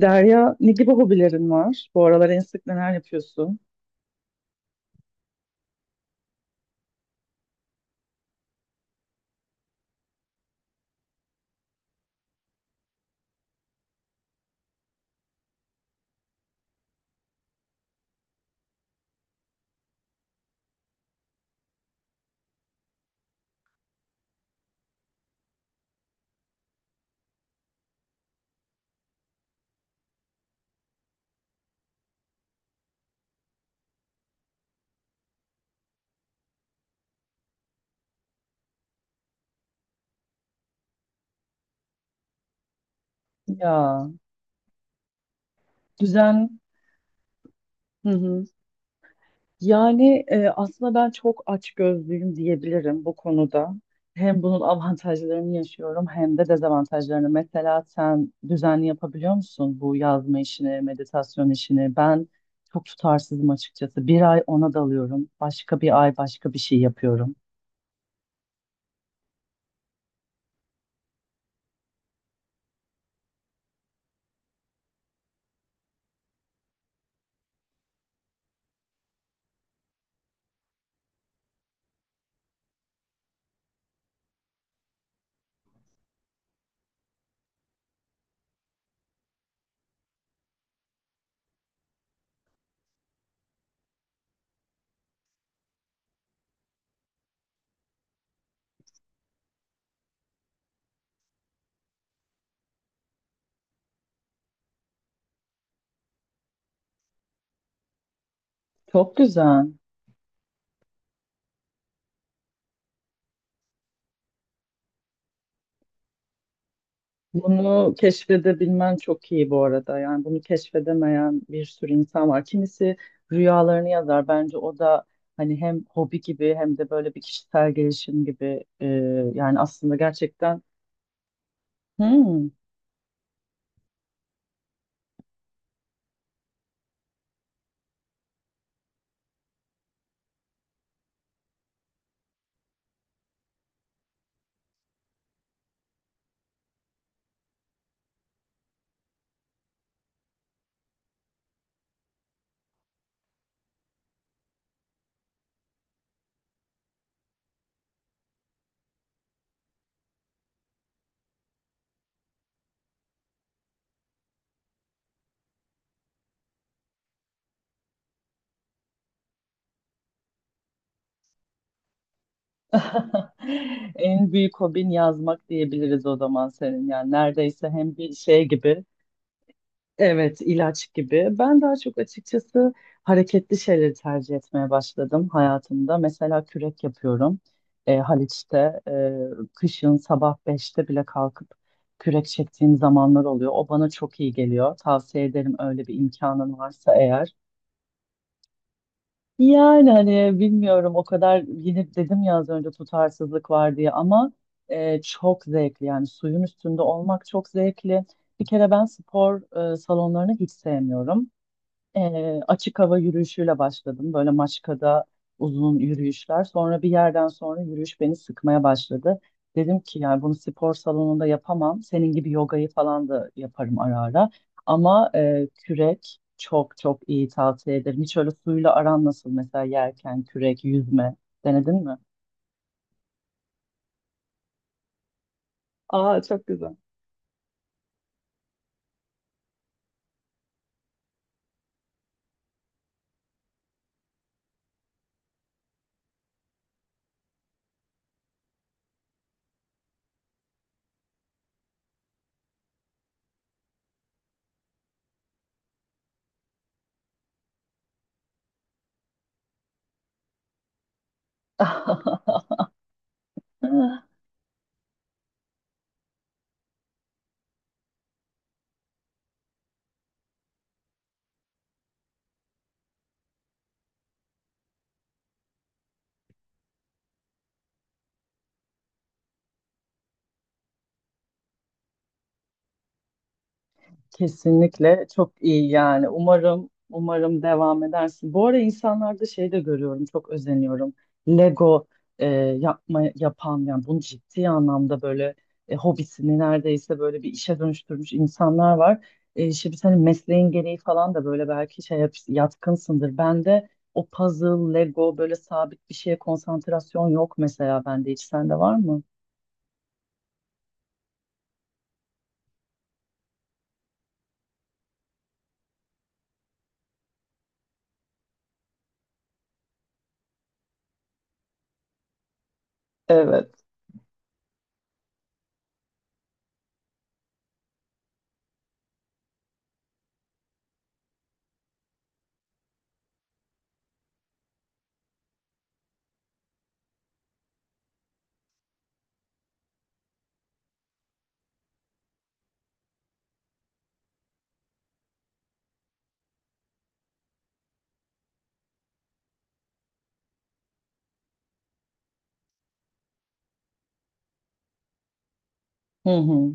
Derya, ne gibi hobilerin var? Bu aralar en sık neler yapıyorsun? Ya, düzen. Hı hı. Yani aslında ben çok açgözlüyüm diyebilirim bu konuda. Hem bunun avantajlarını yaşıyorum hem de dezavantajlarını. Mesela sen düzenli yapabiliyor musun bu yazma işini, meditasyon işini? Ben çok tutarsızım açıkçası. Bir ay ona dalıyorum, başka bir ay başka bir şey yapıyorum. Çok güzel. Bunu keşfedebilmen çok iyi bu arada. Yani bunu keşfedemeyen bir sürü insan var. Kimisi rüyalarını yazar. Bence o da hani hem hobi gibi hem de böyle bir kişisel gelişim gibi. Yani aslında gerçekten Hmm. en büyük hobin yazmak diyebiliriz o zaman senin. Yani neredeyse hem bir şey gibi Evet, ilaç gibi. Ben daha çok açıkçası hareketli şeyleri tercih etmeye başladım hayatımda. Mesela kürek yapıyorum. Haliç'te kışın sabah 5'te bile kalkıp kürek çektiğim zamanlar oluyor. O bana çok iyi geliyor. Tavsiye ederim öyle bir imkanın varsa eğer. Yani hani bilmiyorum o kadar yine dedim ya az önce tutarsızlık var diye ama çok zevkli yani suyun üstünde olmak çok zevkli. Bir kere ben spor salonlarını hiç sevmiyorum. Açık hava yürüyüşüyle başladım. Böyle Maçka'da uzun yürüyüşler. Sonra bir yerden sonra yürüyüş beni sıkmaya başladı. Dedim ki yani bunu spor salonunda yapamam. Senin gibi yogayı falan da yaparım ara ara. Ama kürek çok çok iyi tavsiye ederim. Hiç öyle suyla aran nasıl mesela yerken kürek, yüzme denedin mi? Aa çok güzel. Kesinlikle çok iyi yani. Umarım umarım devam edersin. Bu ara insanlarda şey de görüyorum, çok özeniyorum. Lego e, yapan yani bunu ciddi anlamda böyle hobisini neredeyse böyle bir işe dönüştürmüş insanlar var. Şimdi senin mesleğin gereği falan da böyle belki şey yatkınsındır. Bende o puzzle, Lego böyle sabit bir şeye konsantrasyon yok mesela bende hiç. Sende var mı? Evet. Hı hı.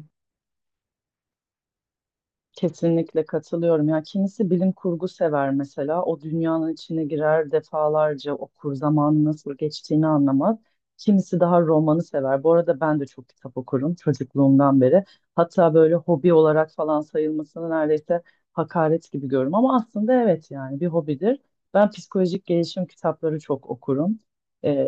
Kesinlikle katılıyorum. Ya kimisi bilim kurgu sever mesela. O dünyanın içine girer defalarca okur, zamanın nasıl geçtiğini anlamaz. Kimisi daha romanı sever. Bu arada ben de çok kitap okurum çocukluğumdan beri. Hatta böyle hobi olarak falan sayılmasını neredeyse hakaret gibi görüyorum. Ama aslında evet yani bir hobidir. Ben psikolojik gelişim kitapları çok okurum. Ee,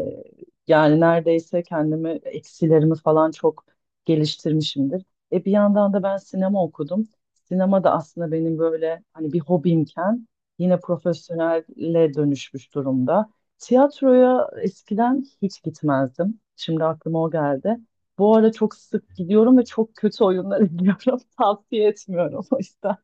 Yani neredeyse kendimi eksilerimi falan çok geliştirmişimdir. Bir yandan da ben sinema okudum. Sinema da aslında benim böyle hani bir hobimken yine profesyonelle dönüşmüş durumda. Tiyatroya eskiden hiç gitmezdim. Şimdi aklıma o geldi. Bu ara çok sık gidiyorum ve çok kötü oyunlar izliyorum. Tavsiye etmiyorum o yüzden.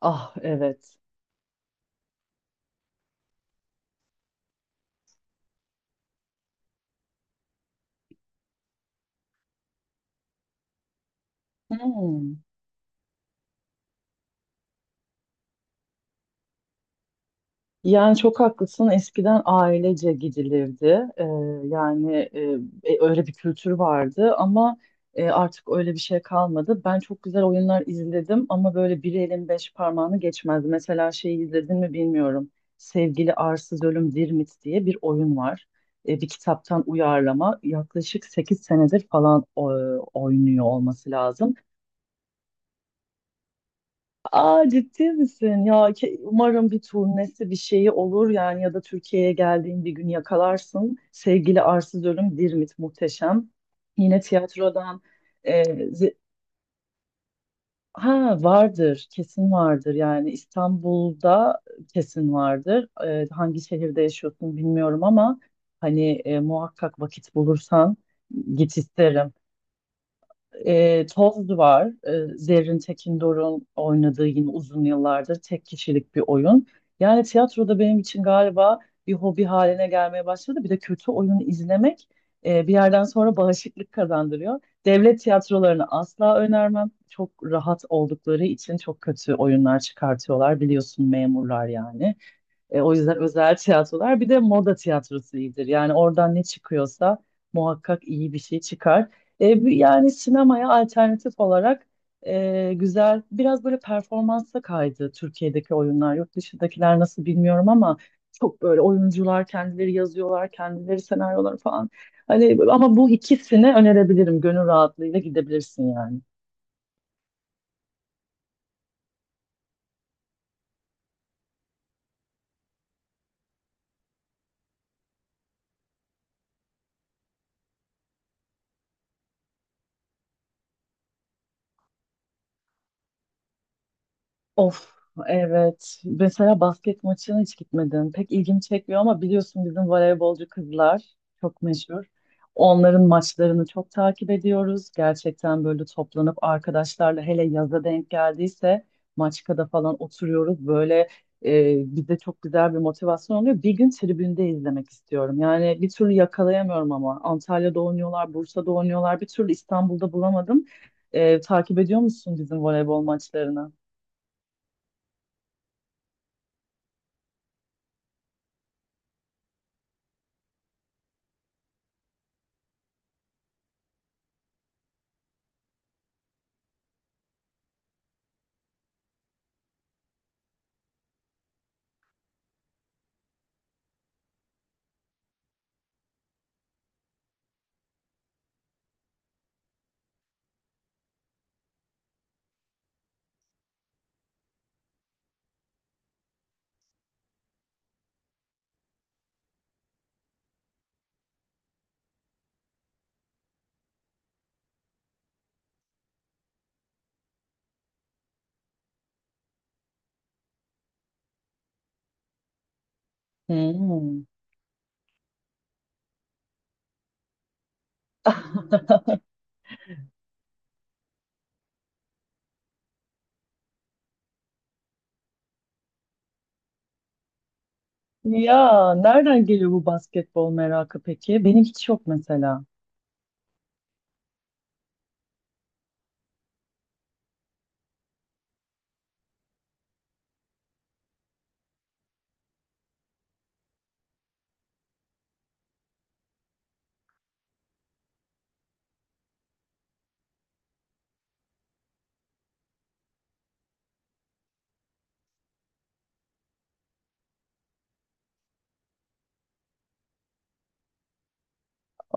Ah evet. Hmm. Yani çok haklısın. Eskiden ailece gidilirdi. Ee, Yani öyle bir kültür vardı ama artık öyle bir şey kalmadı. Ben çok güzel oyunlar izledim ama böyle bir elin beş parmağını geçmezdi. Mesela şeyi izledin mi bilmiyorum. Sevgili Arsız Ölüm Dirmit diye bir oyun var. Bir kitaptan uyarlama. Yaklaşık 8 senedir falan oynuyor olması lazım. Aa ciddi misin? Ya umarım bir turnesi bir şeyi olur yani ya da Türkiye'ye geldiğin bir gün yakalarsın. Sevgili Arsız Ölüm Dirmit muhteşem. Yine tiyatrodan e, ze- ha vardır kesin vardır yani İstanbul'da kesin vardır. Hangi şehirde yaşıyorsun bilmiyorum ama hani muhakkak vakit bulursan git isterim. Toz var. Zerrin Tekindor'un oynadığı yine uzun yıllardır tek kişilik bir oyun. Yani tiyatro da benim için galiba bir hobi haline gelmeye başladı. Bir de kötü oyun izlemek bir yerden sonra bağışıklık kazandırıyor. Devlet tiyatrolarını asla önermem. Çok rahat oldukları için çok kötü oyunlar çıkartıyorlar. Biliyorsun memurlar yani. O yüzden özel tiyatrolar bir de moda tiyatrosu iyidir. Yani oradan ne çıkıyorsa muhakkak iyi bir şey çıkar. Yani sinemaya alternatif olarak güzel biraz böyle performansa kaydı Türkiye'deki oyunlar. Yurt dışındakiler nasıl bilmiyorum ama çok böyle oyuncular kendileri yazıyorlar, kendileri senaryoları falan. Hani ama bu ikisini önerebilirim. Gönül rahatlığıyla gidebilirsin yani. Of evet. Mesela basket maçına hiç gitmedim. Pek ilgimi çekmiyor ama biliyorsun bizim voleybolcu kızlar çok meşhur. Onların maçlarını çok takip ediyoruz. Gerçekten böyle toplanıp arkadaşlarla hele yaza denk geldiyse Maçka'da falan oturuyoruz. Böyle bize çok güzel bir motivasyon oluyor. Bir gün tribünde izlemek istiyorum. Yani bir türlü yakalayamıyorum ama. Antalya'da oynuyorlar, Bursa'da oynuyorlar. Bir türlü İstanbul'da bulamadım. Takip ediyor musun bizim voleybol maçlarını? Hmm. Ya nereden geliyor bu basketbol merakı peki? Benim hiç yok mesela.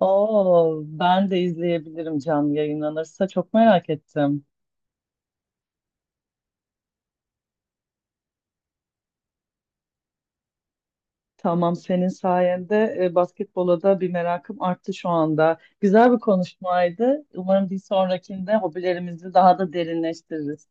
Oo, ben de izleyebilirim canlı yayınlanırsa çok merak ettim. Tamam senin sayende basketbola da bir merakım arttı şu anda. Güzel bir konuşmaydı. Umarım bir sonrakinde hobilerimizi daha da derinleştiririz.